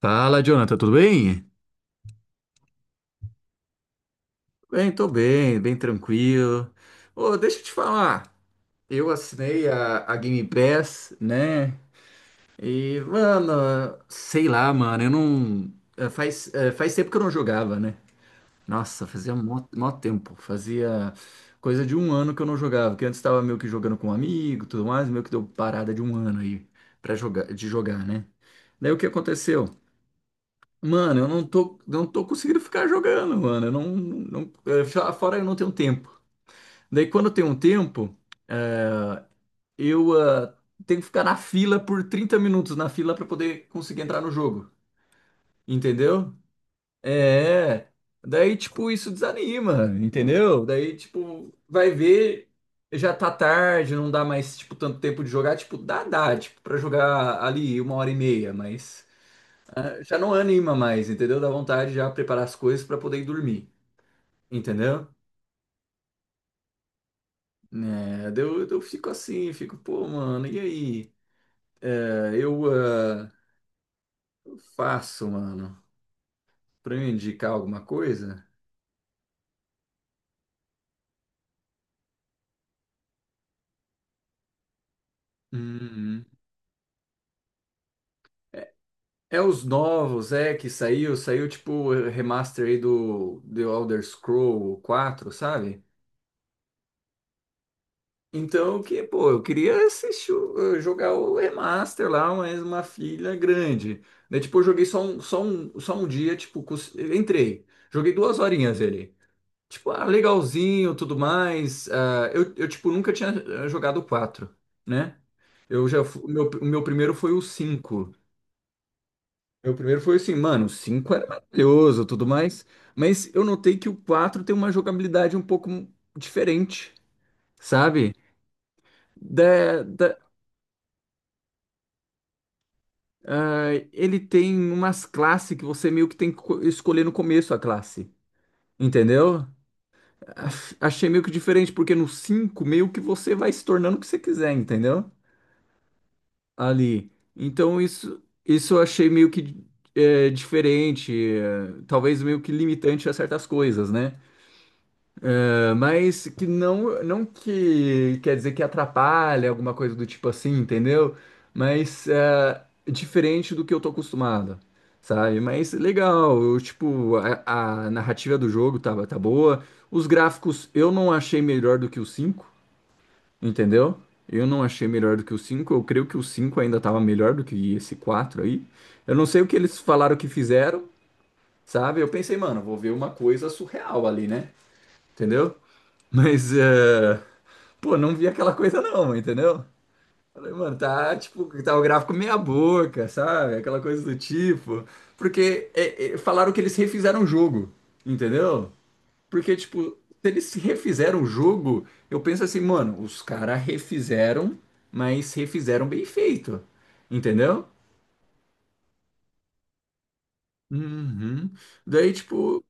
Fala, Jonathan, tudo bem? Bem, tô bem, bem tranquilo. Ô, deixa eu te falar. Eu assinei a Game Pass, né? E, mano, sei lá, mano, eu não. É, faz tempo que eu não jogava, né? Nossa, fazia mó tempo. Fazia coisa de um ano que eu não jogava. Que antes tava meio que jogando com um amigo e tudo mais, meio que deu parada de um ano aí pra jogar, de jogar, né? Daí o que aconteceu? Mano, eu não tô, não tô conseguindo ficar jogando, mano. Eu não, não, eh, já- Fora eu não tenho tempo. Daí quando eu tenho um tempo, eu tenho que ficar na fila por 30 minutos na fila pra poder conseguir entrar no jogo. Entendeu? É. Daí, tipo, isso desanima, entendeu? Daí, tipo, vai ver, já tá tarde, não dá mais, tipo, tanto tempo de jogar. Tipo, dá, tipo, pra jogar ali 1 hora e meia, mas ah, já não anima mais, entendeu? Dá vontade já preparar as coisas pra poder ir dormir. Entendeu? É, daí eu fico assim, fico, pô, mano, e aí? É, eu faço, mano, pra eu indicar alguma coisa? Uhum. É os novos, é, que saiu tipo o remaster aí do The Elder Scroll quatro, sabe? Então, que, pô, eu queria jogar o remaster lá, mas uma filha grande. Daí, tipo, eu joguei só um dia, tipo, entrei. Joguei 2 horinhas ele. Tipo, ah, legalzinho, tudo mais. Ah, tipo, nunca tinha jogado o 4, né? Eu já, fu- o meu primeiro foi o cinco. Meu primeiro foi assim, mano, o 5 era maravilhoso, tudo mais. Mas eu notei que o 4 tem uma jogabilidade um pouco diferente, sabe? Da, da, ele tem umas classes que você meio que tem que escolher no começo a classe, entendeu? Achei meio que diferente, porque no 5 meio que você vai se tornando o que você quiser, entendeu? Ali. Então isso eu achei meio que é, diferente, é, talvez meio que limitante a certas coisas, né? É, mas que não que quer dizer que atrapalha alguma coisa do tipo assim, entendeu? Mas é, diferente do que eu tô acostumado. Sabe? Mas legal, eu, tipo, a narrativa do jogo tá boa. Os gráficos eu não achei melhor do que o 5. Entendeu? Eu não achei melhor do que o cinco. Eu creio que o 5 ainda estava melhor do que esse 4 aí. Eu não sei o que eles falaram que fizeram, sabe? Eu pensei, mano, vou ver uma coisa surreal ali, né? Entendeu? Mas, eh, pô, não vi aquela coisa não, entendeu? Falei, mano, tá tipo, tá o gráfico meia boca, sabe? Aquela coisa do tipo. Porque falaram que eles refizeram o jogo, entendeu? Porque, tipo, se eles refizeram o jogo, eu penso assim, mano, os caras refizeram, mas refizeram bem feito. Entendeu? Uhum. Daí, tipo,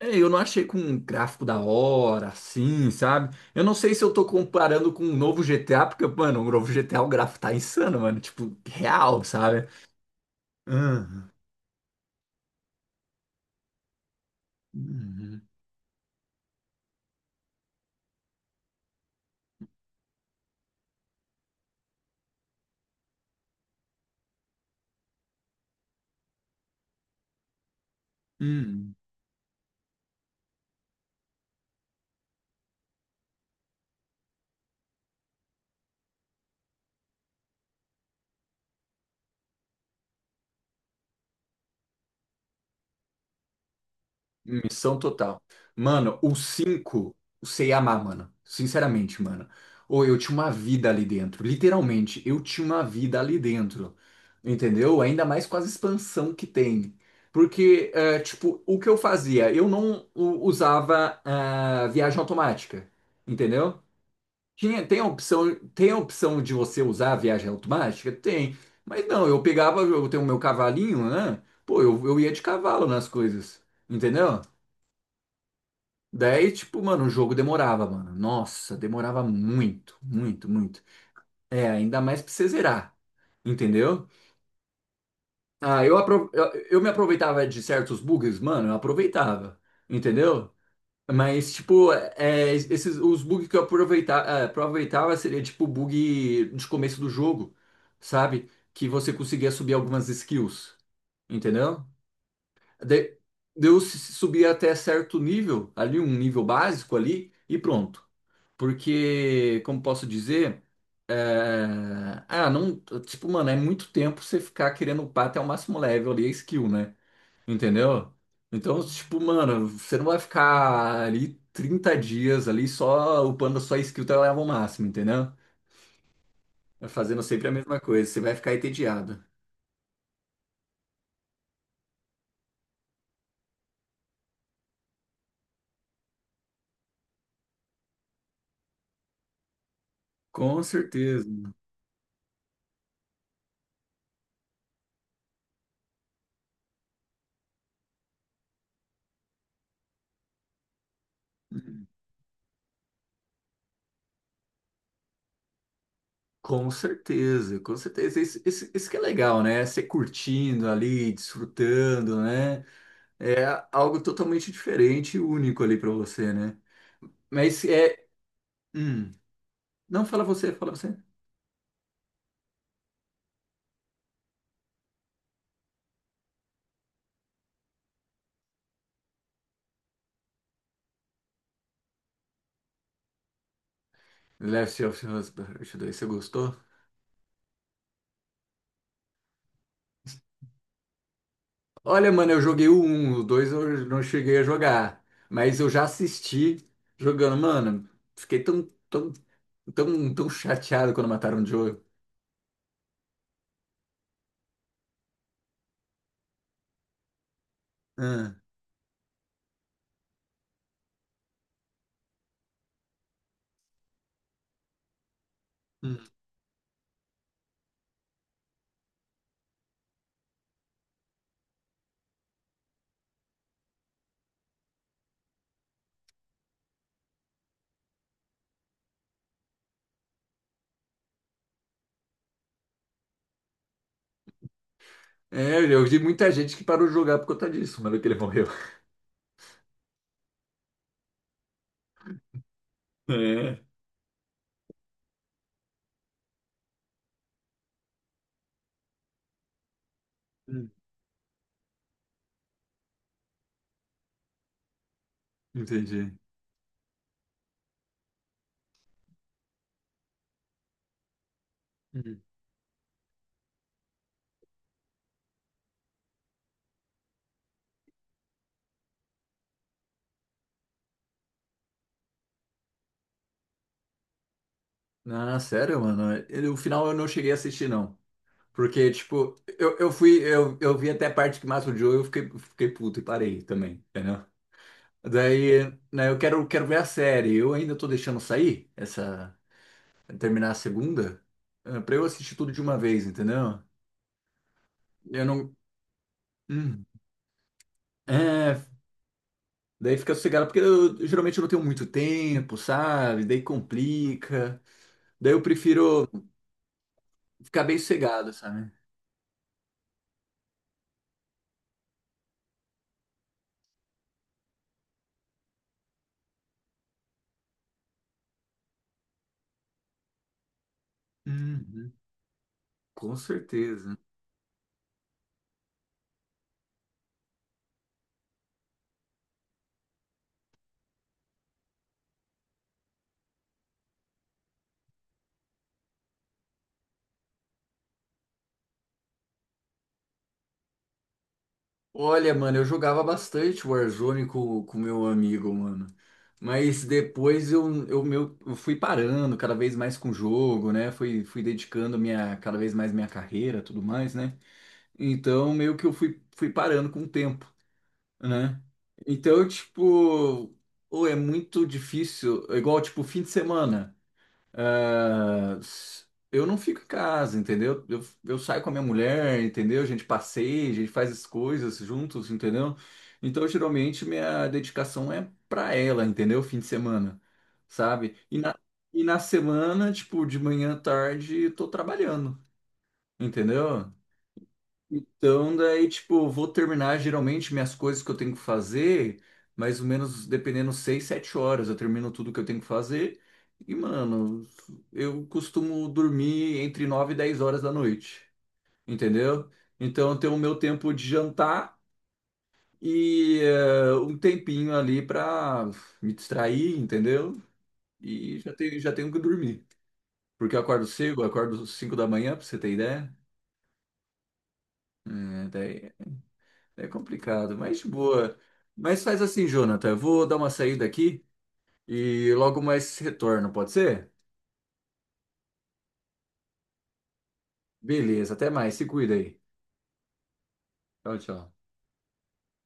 é, eu não achei com um gráfico da hora, assim, sabe? Eu não sei se eu tô comparando com o novo GTA, porque, mano, o novo GTA, o gráfico tá insano, mano. Tipo, real, sabe? Uhum. Uhum. Uhum. Missão total. Mano, o cinco, o sei amar, mano. Sinceramente, mano. Ou eu tinha uma vida ali dentro. Literalmente, eu tinha uma vida ali dentro. Entendeu? Ainda mais com as expansão que tem. Porque, é, tipo, o que eu fazia? Eu não usava ah, viagem automática. Entendeu? Tem a opção de você usar a viagem automática? Tem. Mas não, eu pegava, eu tenho o meu cavalinho, né? Pô, eu ia de cavalo nas coisas. Entendeu? Daí, tipo, mano, o jogo demorava, mano. Nossa, demorava muito, muito, muito. É, ainda mais pra você zerar, entendeu? Ah, eu, apro eu, eu me aproveitava de certos bugs, mano, eu aproveitava, entendeu? Mas, tipo, é, esses, os bugs que eu aproveitava seria, tipo, bug de começo do jogo, sabe? Que você conseguia subir algumas skills, entendeu? De, eu subia até certo nível, ali, um nível básico ali, e pronto. Porque, como posso dizer, é, ah, não, tipo, mano, é muito tempo você ficar querendo upar até o máximo level ali a skill, né? Entendeu? Então, tipo, mano, você não vai ficar ali 30 dias ali só upando a sua skill até o level máximo, entendeu? É, fazendo sempre a mesma coisa, você vai ficar entediado. Com certeza, com certeza, com certeza. Isso que é legal, né? Você curtindo ali, desfrutando, né? É algo totalmente diferente e único ali pra você, né? Mas é. Hum, não, fala você, fala você. Left of Us Part 2, você gostou? Olha, mano, eu joguei o 1, o 2 eu não cheguei a jogar. Mas eu já assisti jogando. Mano, fiquei tão, tão chateado quando mataram o Joel. Ah, hum. É, eu vi muita gente que parou de jogar por conta disso, mano, que ele morreu. É. Hum, entendi. Hum. Ah, sério, mano. Ele- o final eu não cheguei a assistir, não. Porque, tipo, eu vi até a parte que mata o Joe e eu fiquei puto e parei também, entendeu? Daí, né, eu quero ver a série. Eu ainda tô deixando sair essa, terminar a segunda, eh, pra eu assistir tudo de uma vez, entendeu? Eu não. Hum. É, daí fica sossegado, porque eu, geralmente eu não tenho muito tempo, sabe? Daí complica. Daí eu prefiro ficar bem sossegado, sabe? Uhum, com certeza. Olha, mano, eu jogava bastante Warzone com o meu amigo, mano. Mas depois eu fui parando cada vez mais com o jogo, né? Fui dedicando minha, cada vez mais minha carreira, tudo mais, né? Então meio que fui parando com o tempo, né? Então, tipo, ou é muito difícil, é igual tipo fim de semana. Ah, eu não fico em casa, entendeu? Eu saio com a minha mulher, entendeu? A gente passeia, a gente faz as coisas juntos, entendeu? Então, geralmente, minha dedicação é pra ela, entendeu? Fim de semana, sabe? E e na semana, tipo, de manhã à tarde, eu tô trabalhando, entendeu? Então, daí, tipo, vou terminar geralmente minhas coisas que eu tenho que fazer, mais ou menos, dependendo, 6, 7 horas. Eu termino tudo que eu tenho que fazer. E, mano, eu costumo dormir entre 9 e 10 horas da noite, entendeu? Então, eu tenho o meu tempo de jantar e eh, um tempinho ali pra me distrair, entendeu? E já tenho que dormir. Porque eu acordo cedo, eu acordo 5 da manhã, pra você ter ideia. É, daí é complicado, mas de boa. Mas faz assim, Jonathan. Eu vou dar uma saída aqui e logo mais retorno, pode ser? Beleza, até mais. Se cuida aí. Tchau, tchau.